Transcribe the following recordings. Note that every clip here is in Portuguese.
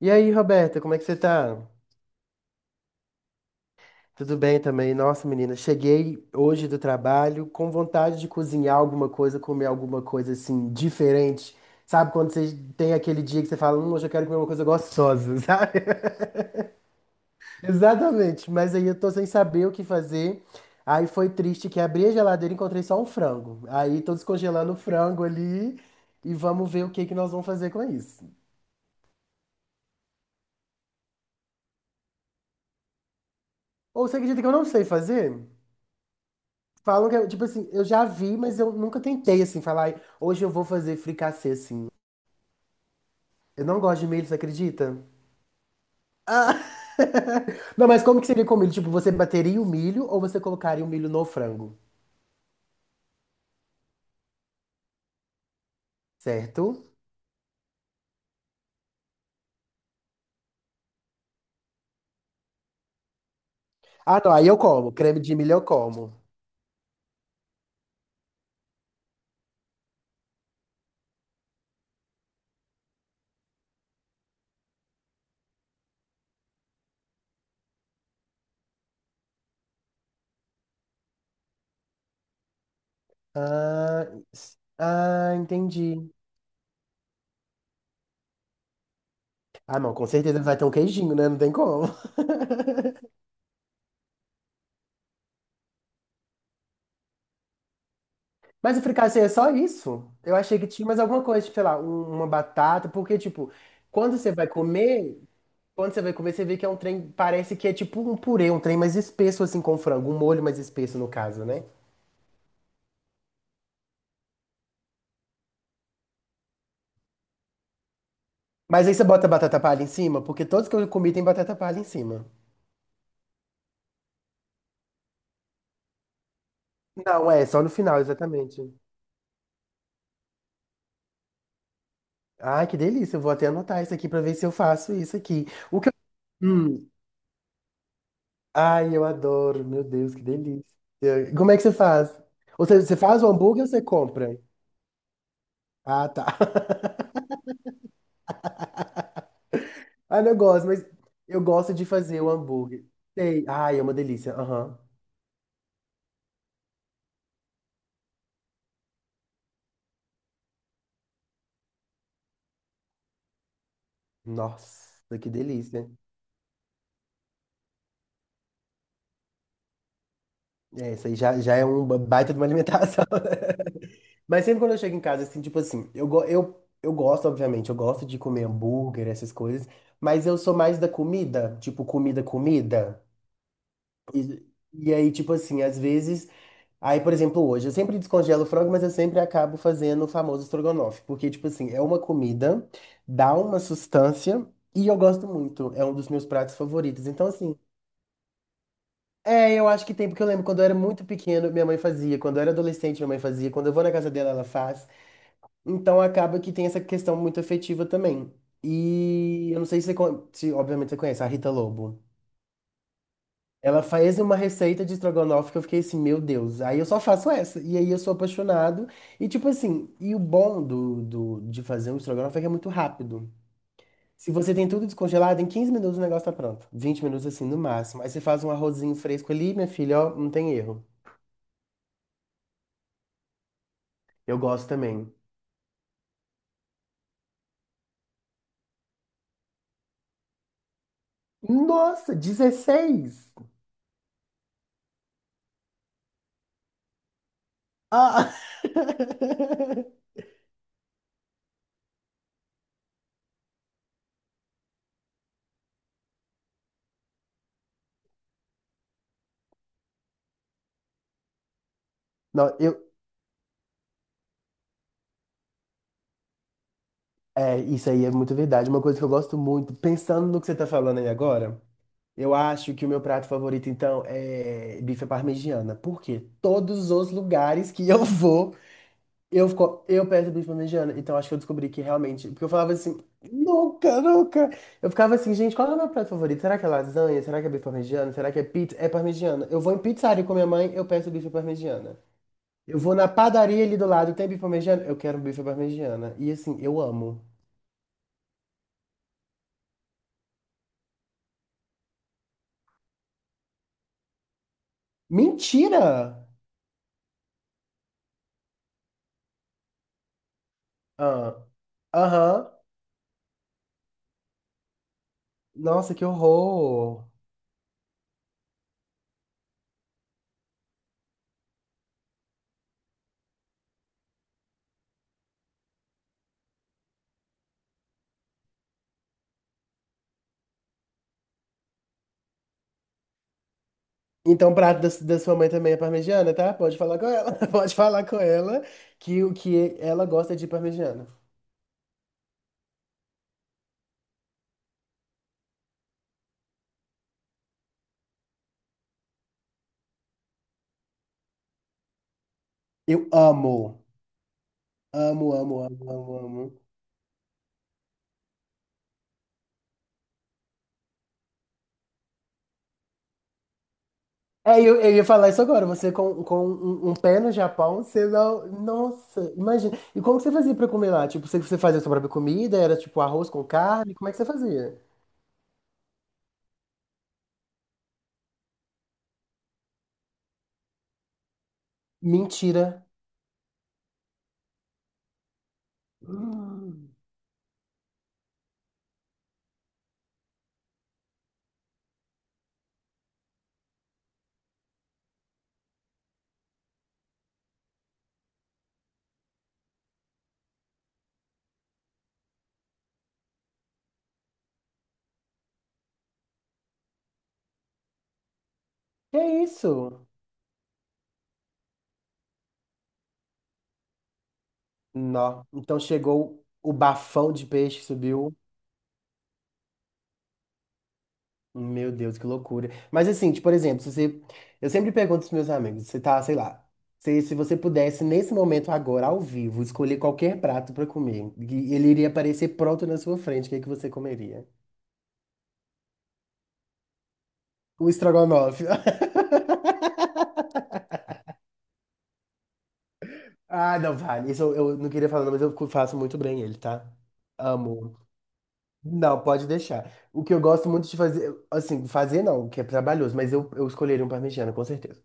E aí, Roberta, como é que você tá? Tudo bem também? Nossa, menina, cheguei hoje do trabalho com vontade de cozinhar alguma coisa, comer alguma coisa assim diferente. Sabe quando você tem aquele dia que você fala, hoje eu quero comer uma coisa gostosa, sabe? Exatamente, mas aí eu tô sem saber o que fazer. Aí foi triste que abri a geladeira e encontrei só um frango. Aí tô descongelando o frango ali e vamos ver o que nós vamos fazer com isso. Ou você acredita que eu não sei fazer? Falam que, tipo assim, eu já vi, mas eu nunca tentei, assim, falar, "Ai, hoje eu vou fazer fricassê, assim. Eu não gosto de milho, você acredita? Ah, não, mas como que seria com milho? Tipo, você bateria o milho ou você colocaria o milho no frango, certo? Ah, não, aí eu como. Creme de milho eu como. Ah, ah, entendi. Ah, não, com certeza vai ter um queijinho, né? Não tem como. Mas o fricassê é só isso? Eu achei que tinha mais alguma coisa, tipo, sei lá, uma batata, porque, tipo, quando você vai comer. Quando você vai comer, você vê que é um trem, parece que é tipo um purê, um trem mais espesso assim com frango, um molho mais espesso no caso, né? Mas aí você bota batata palha em cima, porque todos que eu comi tem batata palha em cima. Não, é só no final, exatamente. Ai, que delícia, eu vou até anotar isso aqui pra ver se eu faço isso aqui. O que eu... Hum, ai, eu adoro, meu Deus, que delícia. Como é que você faz? Ou seja, você faz o hambúrguer ou você compra? Ah, tá. Ah, não, eu gosto, mas eu gosto de fazer o hambúrguer. Sei. Ai, é uma delícia. Aham. Nossa, que delícia. É, isso aí já, já é um baita de uma alimentação. Mas sempre quando eu chego em casa, assim, tipo assim, eu gosto, obviamente, eu gosto de comer hambúrguer, essas coisas, mas eu sou mais da comida, tipo, comida, comida. E, e aí, tipo assim, às vezes. Aí, por exemplo, hoje, eu sempre descongelo o frango, mas eu sempre acabo fazendo o famoso estrogonofe, porque, tipo assim, é uma comida, dá uma sustância. E eu gosto muito, é um dos meus pratos favoritos. Então, assim, é, eu acho que tem, porque eu lembro quando eu era muito pequeno, minha mãe fazia. Quando eu era adolescente, minha mãe fazia. Quando eu vou na casa dela, ela faz. Então acaba que tem essa questão muito afetiva também. E eu não sei se, você, se obviamente você conhece a Rita Lobo. Ela faz uma receita de estrogonofe que eu fiquei assim, meu Deus, aí eu só faço essa. E aí eu sou apaixonado. E tipo assim, e o bom de fazer um estrogonofe é que é muito rápido. Se você tem tudo descongelado, em 15 minutos o negócio tá pronto. 20 minutos assim, no máximo. Aí você faz um arrozinho fresco ali, minha filha, ó, não tem erro. Eu gosto também. Nossa, 16. Ah! Não, eu. É, isso aí é muito verdade. Uma coisa que eu gosto muito, pensando no que você tá falando aí agora, eu acho que o meu prato favorito, então, é bife à parmegiana. Porque todos os lugares que eu vou, eu percebi isso planejando, então acho que eu descobri que realmente. Porque eu falava assim, nunca, nunca. Eu ficava assim, gente, qual é o meu prato favorito? Será que é lasanha? Será que é bife parmegiana? Será que é pizza? É parmegiana. Eu vou em pizzaria com minha mãe, eu peço bife parmegiana. Eu vou na padaria ali do lado, tem bife parmegiana? Eu quero bife parmegiana. E assim, eu amo. Mentira! Ah, aham. Nossa, que horror. Então, o prato da sua mãe também é parmegiana, tá? Pode falar com ela. Pode falar com ela que o que ela gosta é de parmegiana. Eu amo. Amo, amo, amo, amo, amo. É, eu ia falar isso agora. Você com um, um pé no Japão, você não. Nossa, imagina. E como que você fazia pra comer lá? Tipo, você, você fazia sua própria comida? Era tipo arroz com carne? Como é que você fazia? Mentira. Hum, que isso? Não. Então chegou o bafão de peixe, subiu. Meu Deus, que loucura. Mas assim, tipo, por exemplo, se você... eu sempre pergunto aos meus amigos, você tá, sei lá, se você pudesse, nesse momento agora, ao vivo, escolher qualquer prato pra comer, e ele iria aparecer pronto na sua frente, o que é que você comeria? O estrogonofe. Ah, não, vale. Isso eu não queria falar, não, mas eu faço muito bem ele, tá? Amo. Não, pode deixar. O que eu gosto muito de fazer, assim, fazer não, que é trabalhoso, mas eu escolheria um parmegiana, com certeza.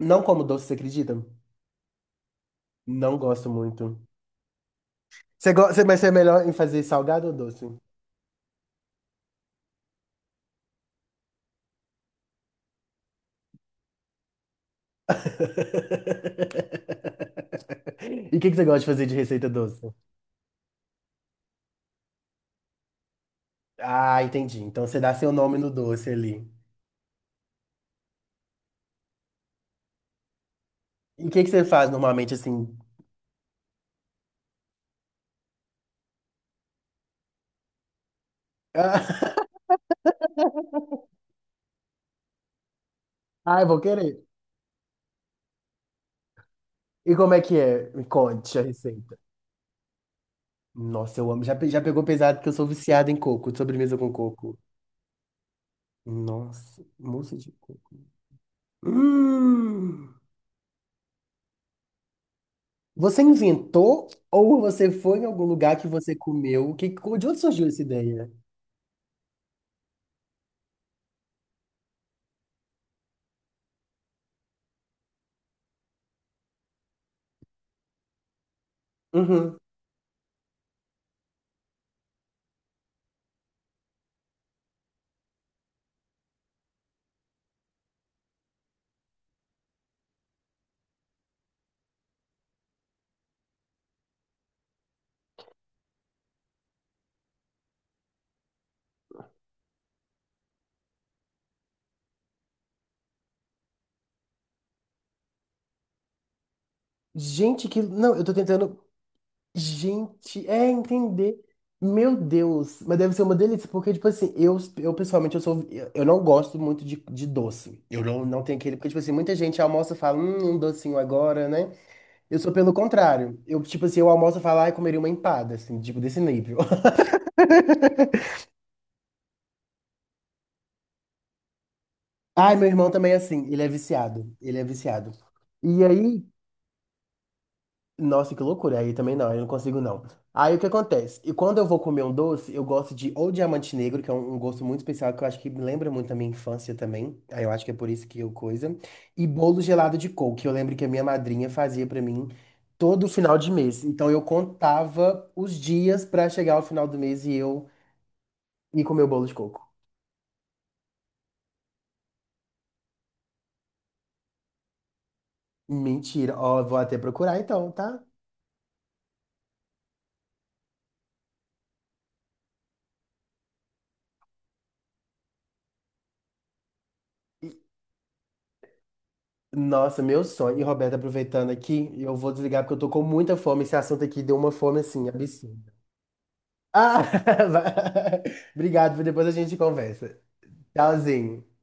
Não como doce, você acredita? Não gosto muito. Você gosta, mas você é melhor em fazer salgado ou doce? E o que você gosta de fazer de receita doce? Ah, entendi. Então você dá seu nome no doce ali. E o que você faz normalmente assim? Ah, eu vou querer. E como é que é? Me conte a receita. Nossa, eu amo. Já, já pegou pesado porque eu sou viciado em coco, de sobremesa com coco. Nossa, mousse de coco. Hum. Você inventou ou você foi em algum lugar que você comeu? Que, de onde surgiu essa ideia? Uhum. Gente, que. Não, eu tô tentando. Gente, é entender. Meu Deus, mas deve ser uma delícia, porque, tipo assim, eu pessoalmente, eu sou, eu não gosto muito de doce. Eu não, não tenho aquele, porque, tipo assim, muita gente almoça e fala, um docinho agora, né? Eu sou pelo contrário. Eu, tipo assim, eu almoço e falo, ai, comeria uma empada, assim, tipo, desse nível. Ai, meu irmão também é assim, ele é viciado, ele é viciado. E aí, nossa, que loucura. Aí também não, aí eu não consigo não. Aí o que acontece? E quando eu vou comer um doce, eu gosto de ou diamante negro, que é um, um gosto muito especial, que eu acho que me lembra muito a minha infância também. Aí eu acho que é por isso que eu coisa. E bolo gelado de coco, que eu lembro que a minha madrinha fazia pra mim todo final de mês. Então eu contava os dias pra chegar ao final do mês e eu ir comer o bolo de coco. Mentira. Ó, vou até procurar então, tá? Nossa, meu sonho. E Roberta, aproveitando aqui, eu vou desligar porque eu tô com muita fome. Esse assunto aqui deu uma fome assim, absurda. Ah, vai. Obrigado. Depois a gente conversa. Tchauzinho.